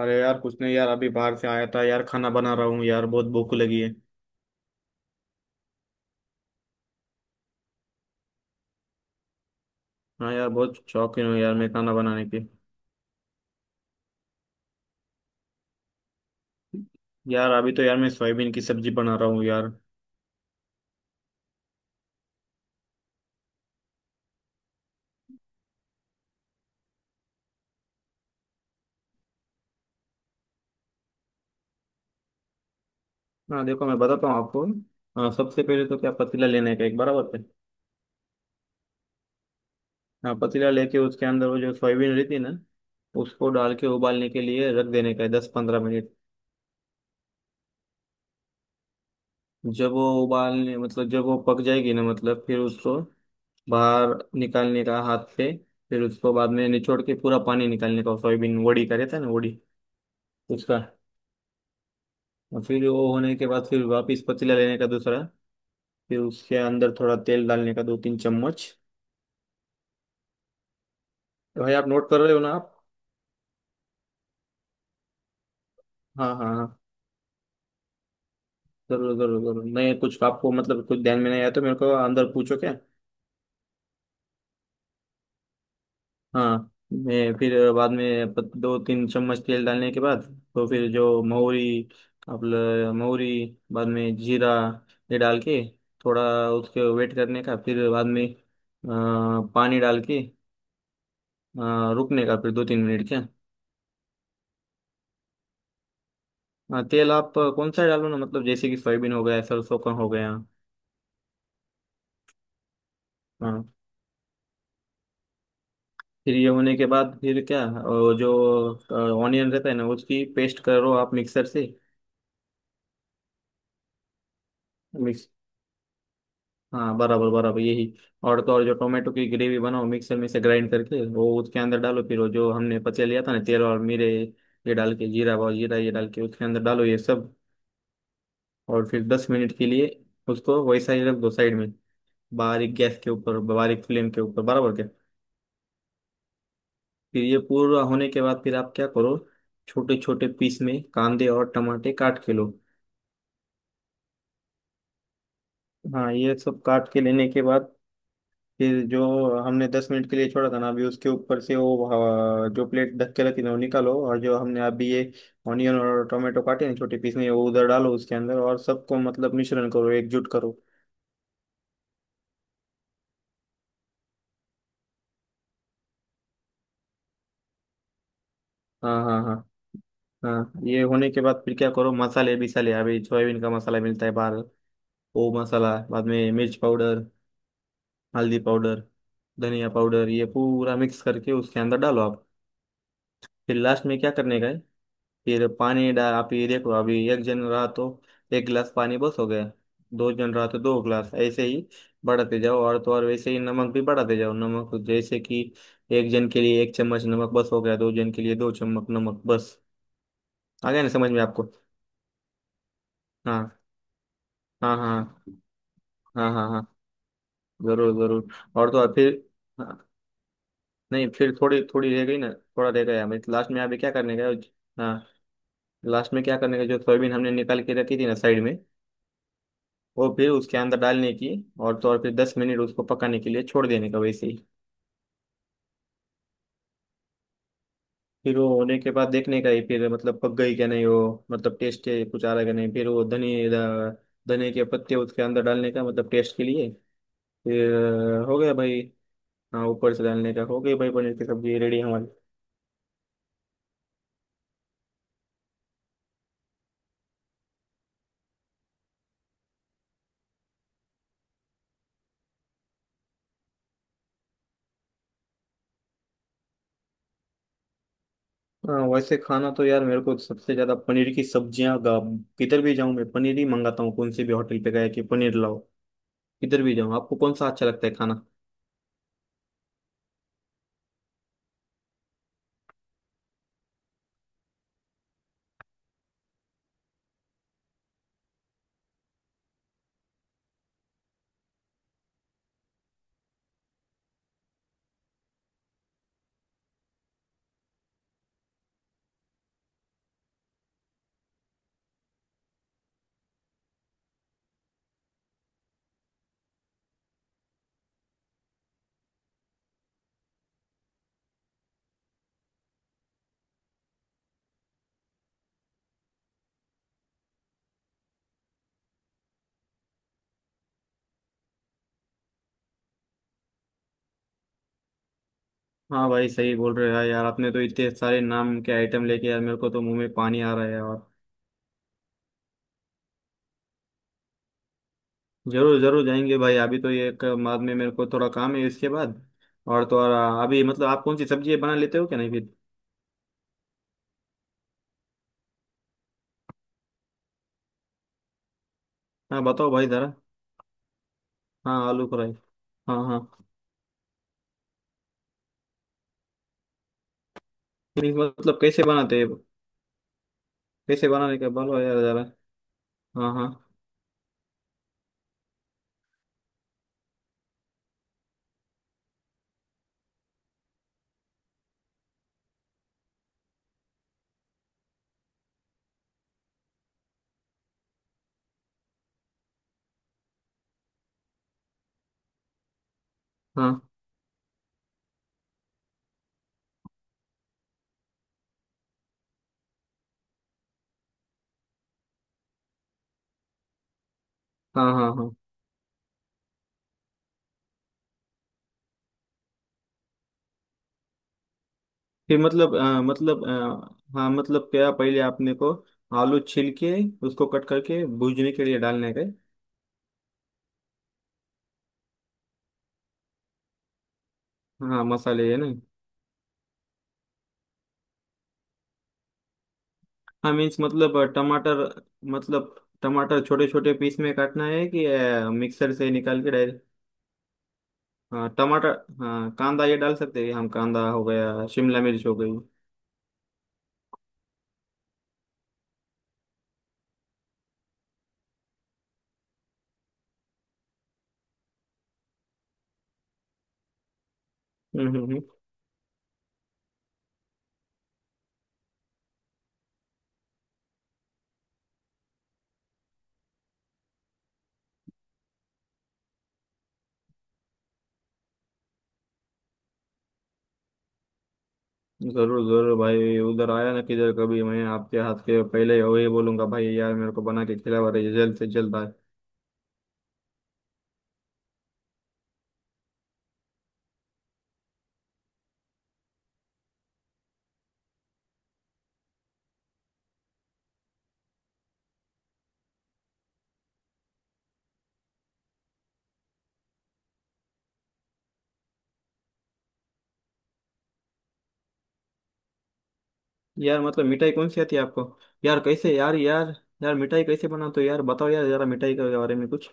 अरे यार कुछ नहीं यार, अभी बाहर से आया था यार, खाना बना रहा हूँ यार, बहुत भूख लगी है। हाँ यार, बहुत शौकीन हूँ यार मैं खाना बनाने की। यार अभी तो यार मैं सोयाबीन की सब्जी बना रहा हूँ यार। हाँ देखो मैं बताता हूँ आपको। हाँ सबसे पहले तो क्या, पतीला लेने का एक बराबर है। हाँ पतीला लेके उसके अंदर वो जो सोयाबीन रहती है ना, उसको डाल के उबालने के लिए रख देने का है 10-15 मिनट। जब वो उबालने मतलब जब वो पक जाएगी ना, मतलब फिर उसको बाहर निकालने का हाथ पे। फिर उसको बाद में निचोड़ के पूरा पानी निकालने का, सोयाबीन वोडी का रहता है ना, वोडी उसका। और फिर वो होने के बाद फिर वापस पतीला लेने का दूसरा। फिर उसके अंदर थोड़ा तेल डालने का, 2-3 चम्मच। भाई आप नोट कर रहे हो ना आप? हाँ हाँ हाँ। जरूर जरूर जरूर, नहीं कुछ आपको मतलब कुछ ध्यान में नहीं आया तो मेरे को अंदर पूछो क्या। हाँ मैं फिर बाद में 2-3 चम्मच तेल डालने के बाद, तो फिर जो महुरी, महुरी, बाद में जीरा ये डाल के, थोड़ा उसके वेट करने का, फिर बाद में पानी डाल के रुकने का, फिर 2-3 मिनट क्या। हाँ तेल आप कौन सा डालो ना, मतलब जैसे कि सोयाबीन हो गया, सरसों का हो गया। हाँ फिर ये होने के बाद, फिर क्या, जो ऑनियन रहता है ना, उसकी पेस्ट करो आप मिक्सर से। हाँ बराबर बराबर, यही। और तो और जो टोमेटो की ग्रेवी बनाओ मिक्सर में से ग्राइंड करके, वो उसके अंदर डालो। फिर वो जो हमने पचे लिया था ना तेल और मिरे, ये डाल के, जीरा और जीरा ये डाल के उसके अंदर डालो ये सब। और फिर 10 मिनट के लिए उसको वैसा ही रख दो साइड में, बारीक गैस के ऊपर, बारीक फ्लेम के ऊपर, बराबर क्या। फिर ये पूरा होने के बाद फिर आप क्या करो, छोटे छोटे पीस में कांदे और टमाटे काट के लो। हाँ ये सब काट के लेने के बाद फिर जो हमने 10 मिनट के लिए छोड़ा था ना, अभी उसके ऊपर से वो जो प्लेट ढक के रखी थी वो निकालो, और जो हमने अभी ये ऑनियन और टोमेटो काटे ना छोटे पीस में वो उधर डालो उसके अंदर, और सबको मतलब मिश्रण करो, एकजुट करो। हाँ हाँ हाँ। हाँ ये होने के बाद फिर क्या करो, मसाले बिसाले, अभी सोयाबीन का मसाला मिलता है बाहर। वो मसाला, बाद में मिर्च पाउडर, हल्दी पाउडर, धनिया पाउडर, ये पूरा मिक्स करके उसके अंदर डालो आप। फिर लास्ट में क्या करने का है? फिर पानी डाल, आप ये देखो, अभी एक जन रहा तो एक गिलास पानी बस हो गया। दो जन रहा तो 2 गिलास, ऐसे ही बढ़ाते जाओ। और तो और वैसे ही नमक भी बढ़ाते जाओ। नमक जैसे कि एक जन के लिए एक चम्मच नमक बस हो गया, दो जन के लिए 2 चम्मच नमक बस। आ गया ना समझ में आपको? हाँ हाँ हाँ। हाँ हाँ हाँ। जरूर जरूर। और तो और फिर, हाँ, नहीं फिर थोड़ी थोड़ी रह गई ना, थोड़ा रह गया लास्ट में, अभी क्या करने का है? हाँ, लास्ट में क्या करने का, जो सोयाबीन हमने निकाल के रखी थी ना साइड में, वो फिर उसके अंदर डालने की। और तो और फिर 10 मिनट उसको पकाने के लिए छोड़ देने का वैसे ही। फिर वो होने के बाद देखने का ही, फिर मतलब पक गई क्या नहीं वो, मतलब टेस्ट कुछ आ रहा क्या नहीं। फिर वो धनिए धनिए के पत्ते उसके अंदर डालने का, मतलब टेस्ट के लिए। फिर हो गया भाई। हाँ ऊपर से डालने का, हो गई भाई, पनीर की सब्जी रेडी हमारी। हाँ वैसे खाना तो यार मेरे को सबसे ज्यादा पनीर की सब्जियां। किधर भी जाऊं मैं पनीर ही मंगाता हूँ, कौन से भी होटल पे गया कि पनीर लाओ। किधर भी जाऊँ। आपको कौन सा अच्छा लगता है खाना? हाँ भाई सही बोल रहे हो यार, यार आपने तो इतने सारे नाम के आइटम लेके यार, मेरे को तो मुंह में पानी आ रहा है। और जरूर जरूर जाएंगे भाई, अभी तो ये एक, बाद में मेरे को थोड़ा काम है इसके बाद। और तो और अभी मतलब आप कौन सी सब्जी बना लेते हो क्या नहीं फिर? हाँ बताओ भाई जरा। हाँ आलू फ्राई। हाँ हाँ, नहीं, मतलब कैसे बनाते हैं? कैसे बनाने का बोलो यार जरा। हाँ हाँ हाँ। हाँ हाँ हाँ। फिर मतलब हाँ मतलब क्या पहले आपने को आलू छील के उसको कट करके भूनने के लिए डालने का है? हाँ मसाले है ना। हाँ मीन्स मतलब टमाटर, मतलब टमाटर छोटे छोटे पीस में काटना है कि मिक्सर से निकाल के डायरेक्ट? हाँ टमाटर। हाँ कांदा ये डाल सकते हैं हम, कांदा हो गया, शिमला मिर्च हो गई। हम्म हम्म हम्म। जरूर जरूर भाई, उधर आया ना किधर कभी मैं आपके हाथ के, पहले वही बोलूंगा भाई यार, मेरे को बना के खिलावा रही जल्द से जल्द भाई। यार मतलब मिठाई कौन सी आती है आपको? यार कैसे, यार यार, यार मिठाई कैसे बनाते हो यार, बताओ यार जरा मिठाई के बारे में कुछ।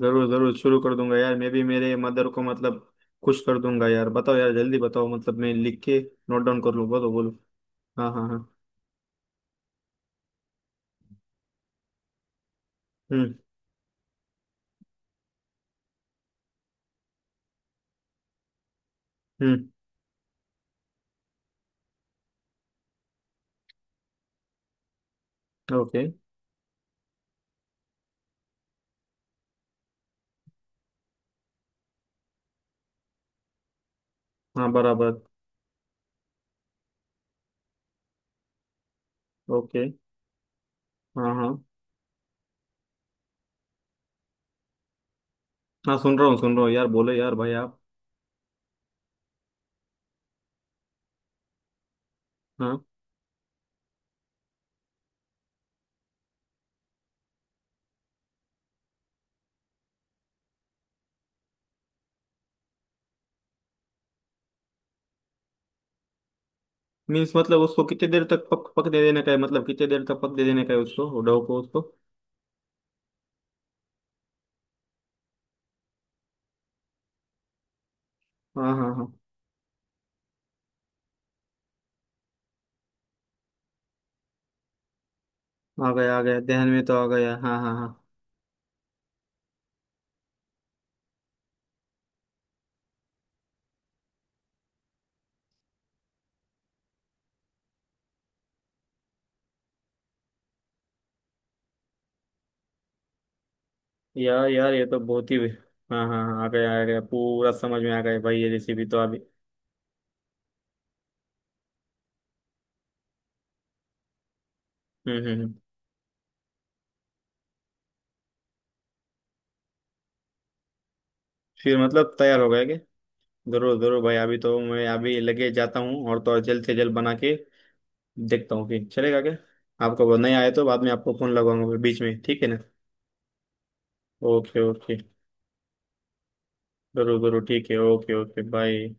जरूर जरूर शुरू कर दूंगा यार, मैं भी मेरे मदर को मतलब खुश कर दूंगा यार। बताओ यार जल्दी बताओ, मतलब मैं लिख के नोट डाउन कर लूँ, बोलो बोलो। हाँ हाँ हाँ। हम्म हम्म। ओके। हाँ बराबर। ओके। हाँ हाँ हाँ, सुन रहा हूँ यार, बोलो यार भाई आप। हाँ मीन्स मतलब उसको कितने देर तक पक पक दे देने का है, मतलब कितने देर तक पक दे देने का है उसको, डो को उसको? हाँ हाँ हाँ। आ गया ध्यान में तो आ गया। हाँ हाँ हाँ। यार यार ये तो बहुत ही। हाँ हाँ हाँ, आ गया पूरा समझ में आ गया भाई, ये रेसिपी तो अभी। हम्म हम्म हम्म। फिर मतलब तैयार हो गए कि? जरूर जरूर भाई अभी तो मैं अभी लगे जाता हूँ, और तो और जल्द से जल्द बना के देखता हूँ, फिर चलेगा क्या? आपको वो नहीं आए तो बाद में आपको फोन लगाऊंगा बीच में, ठीक है ना? Okay okay. जरूर जरूर ठीक है, ओके ओके, बाय।